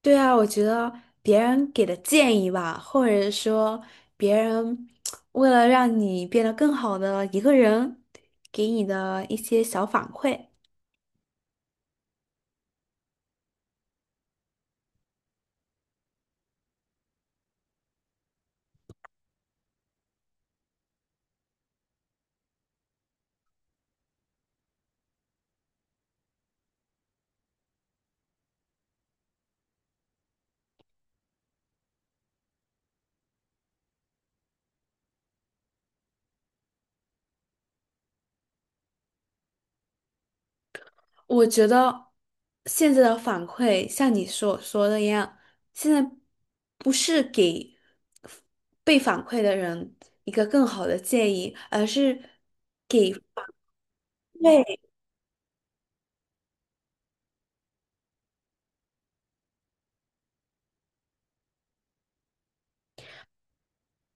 对啊，我觉得别人给的建议吧，或者说别人为了让你变得更好的一个人，给你的一些小反馈，我觉得现在的反馈像你所说的一样，现在不是给被反馈的人一个更好的建议，而是给对，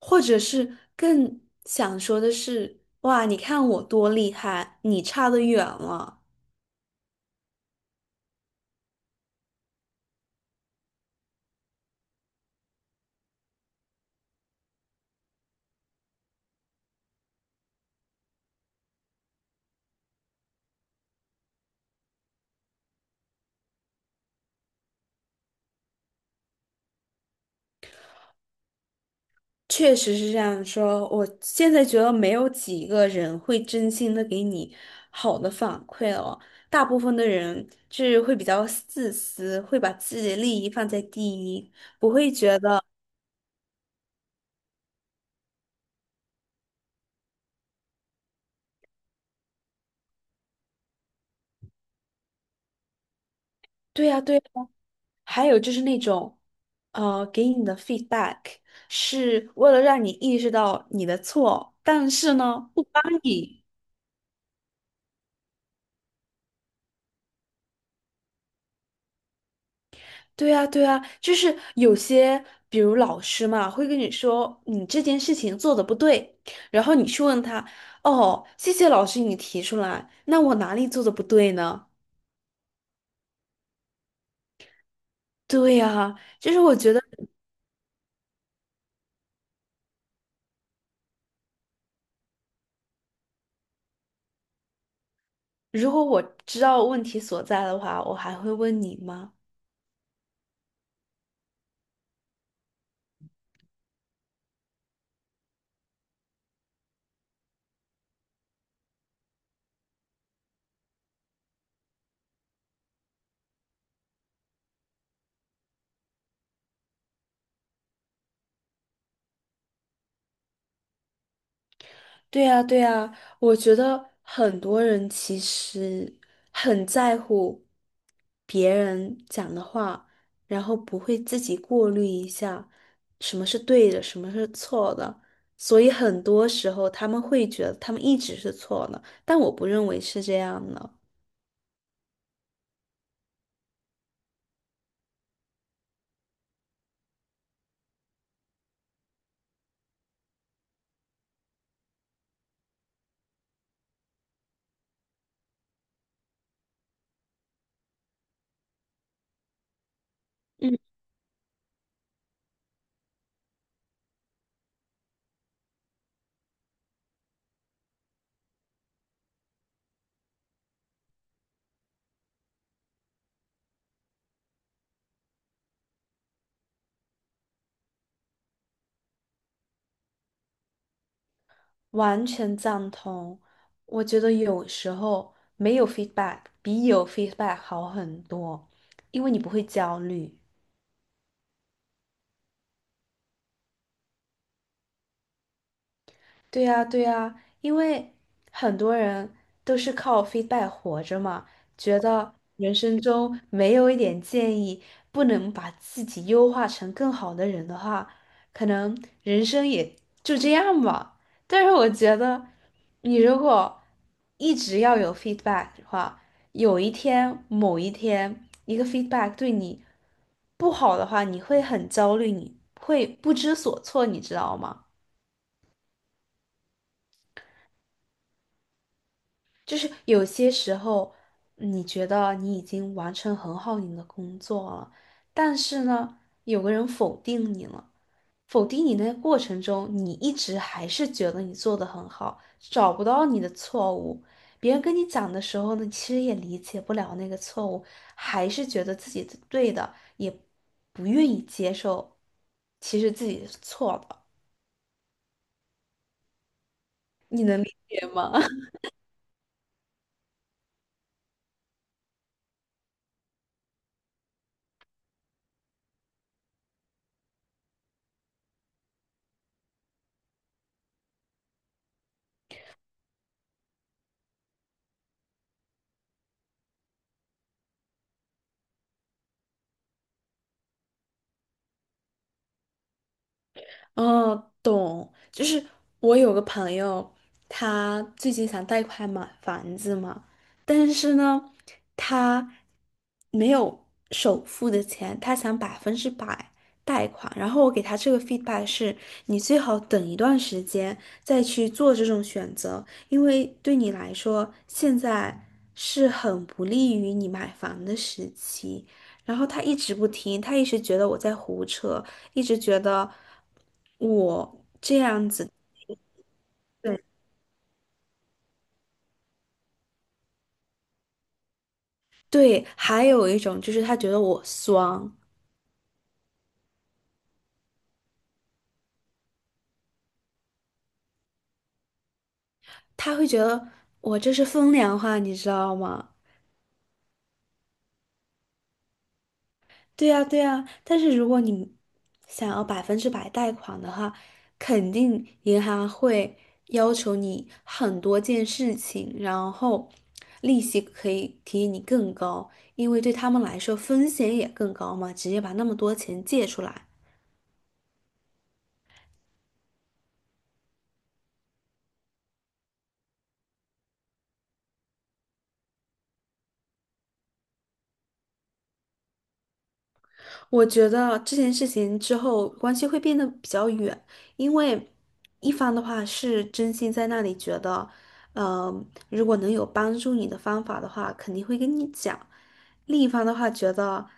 或者是更想说的是，哇，你看我多厉害，你差得远了。确实是这样说，我现在觉得没有几个人会真心的给你好的反馈了，大部分的人就是会比较自私，会把自己的利益放在第一，不会觉得对呀对呀。还有就是那种，给你的 feedback 是为了让你意识到你的错，但是呢，不帮你。对呀，对呀，就是有些，比如老师嘛，会跟你说你这件事情做的不对，然后你去问他，哦，谢谢老师你提出来，那我哪里做的不对呢？对呀，就是我觉得，如果我知道问题所在的话，我还会问你吗？对呀，对呀，我觉得很多人其实很在乎别人讲的话，然后不会自己过滤一下什么是对的，什么是错的，所以很多时候他们会觉得他们一直是错的，但我不认为是这样的。嗯，完全赞同，我觉得有时候没有 feedback 比有 feedback 好很多，因为你不会焦虑。对呀，对呀，因为很多人都是靠 feedback 活着嘛，觉得人生中没有一点建议，不能把自己优化成更好的人的话，可能人生也就这样吧。但是我觉得，你如果一直要有 feedback 的话，有一天，某一天，一个 feedback 对你不好的话，你会很焦虑，你会不知所措，你知道吗？就是有些时候，你觉得你已经完成很好你的工作了，但是呢，有个人否定你了，否定你那个过程中，你一直还是觉得你做得很好，找不到你的错误。别人跟你讲的时候呢，其实也理解不了那个错误，还是觉得自己是对的，也不愿意接受，其实自己是错的。你能理解吗？哦，懂，就是我有个朋友，他最近想贷款买房子嘛，但是呢，他没有首付的钱，他想百分之百贷款。然后我给他这个 feedback 是，你最好等一段时间再去做这种选择，因为对你来说，现在是很不利于你买房的时期。然后他一直不听，他一直觉得我在胡扯，一直觉得我这样子。对，对，还有一种就是他觉得我酸，他会觉得我这是风凉话，你知道吗？对呀，对呀，但是如果你想要百分之百贷款的话，肯定银行会要求你很多件事情，然后利息可以提你更高，因为对他们来说风险也更高嘛，直接把那么多钱借出来，我觉得这件事情之后关系会变得比较远，因为一方的话是真心在那里觉得，呃，如果能有帮助你的方法的话，肯定会跟你讲；另一方的话觉得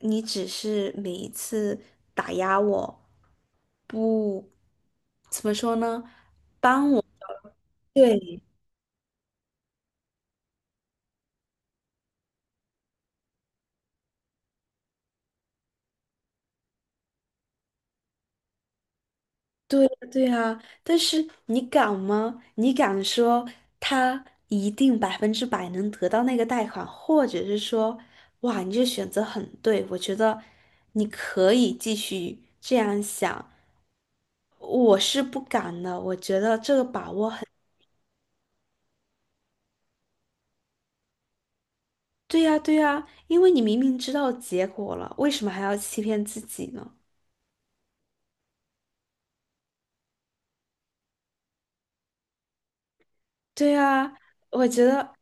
你只是每一次打压我，不，怎么说呢？对，对呀，对呀，但是你敢吗？你敢说他一定百分之百能得到那个贷款，或者是说，哇，你这选择很对，我觉得你可以继续这样想。我是不敢的，我觉得这个把握很，对呀，对呀，因为你明明知道结果了，为什么还要欺骗自己呢？对呀，我觉得。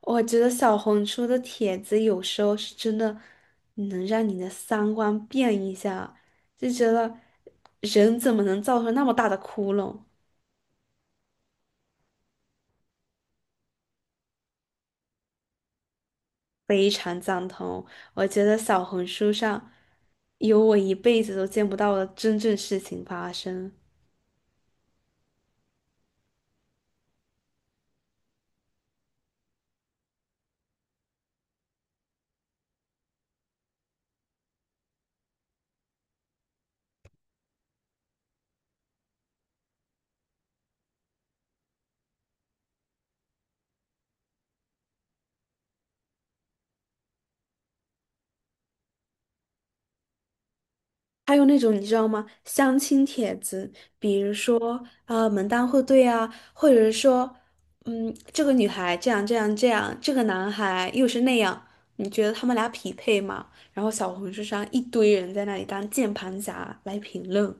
我觉得小红书的帖子有时候是真的能让你的三观变一下，就觉得人怎么能造出那么大的窟窿？非常赞同，我觉得小红书上有我一辈子都见不到的真正事情发生。还有那种你知道吗？相亲帖子，比如说啊门当户对啊，或者是说，嗯，这个女孩这样这样这样，这个男孩又是那样，你觉得他们俩匹配吗？然后小红书上一堆人在那里当键盘侠来评论，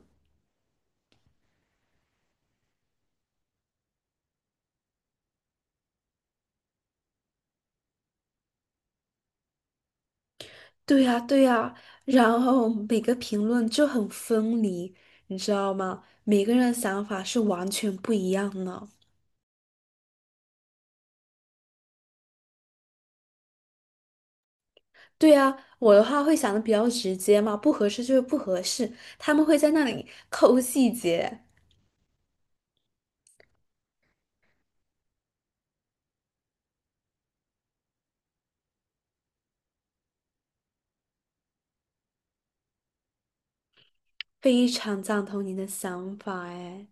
对呀对呀，然后每个评论就很分离，你知道吗？每个人的想法是完全不一样的。对呀，我的话会想的比较直接嘛，不合适就是不合适，他们会在那里抠细节，非常赞同你的想法哎。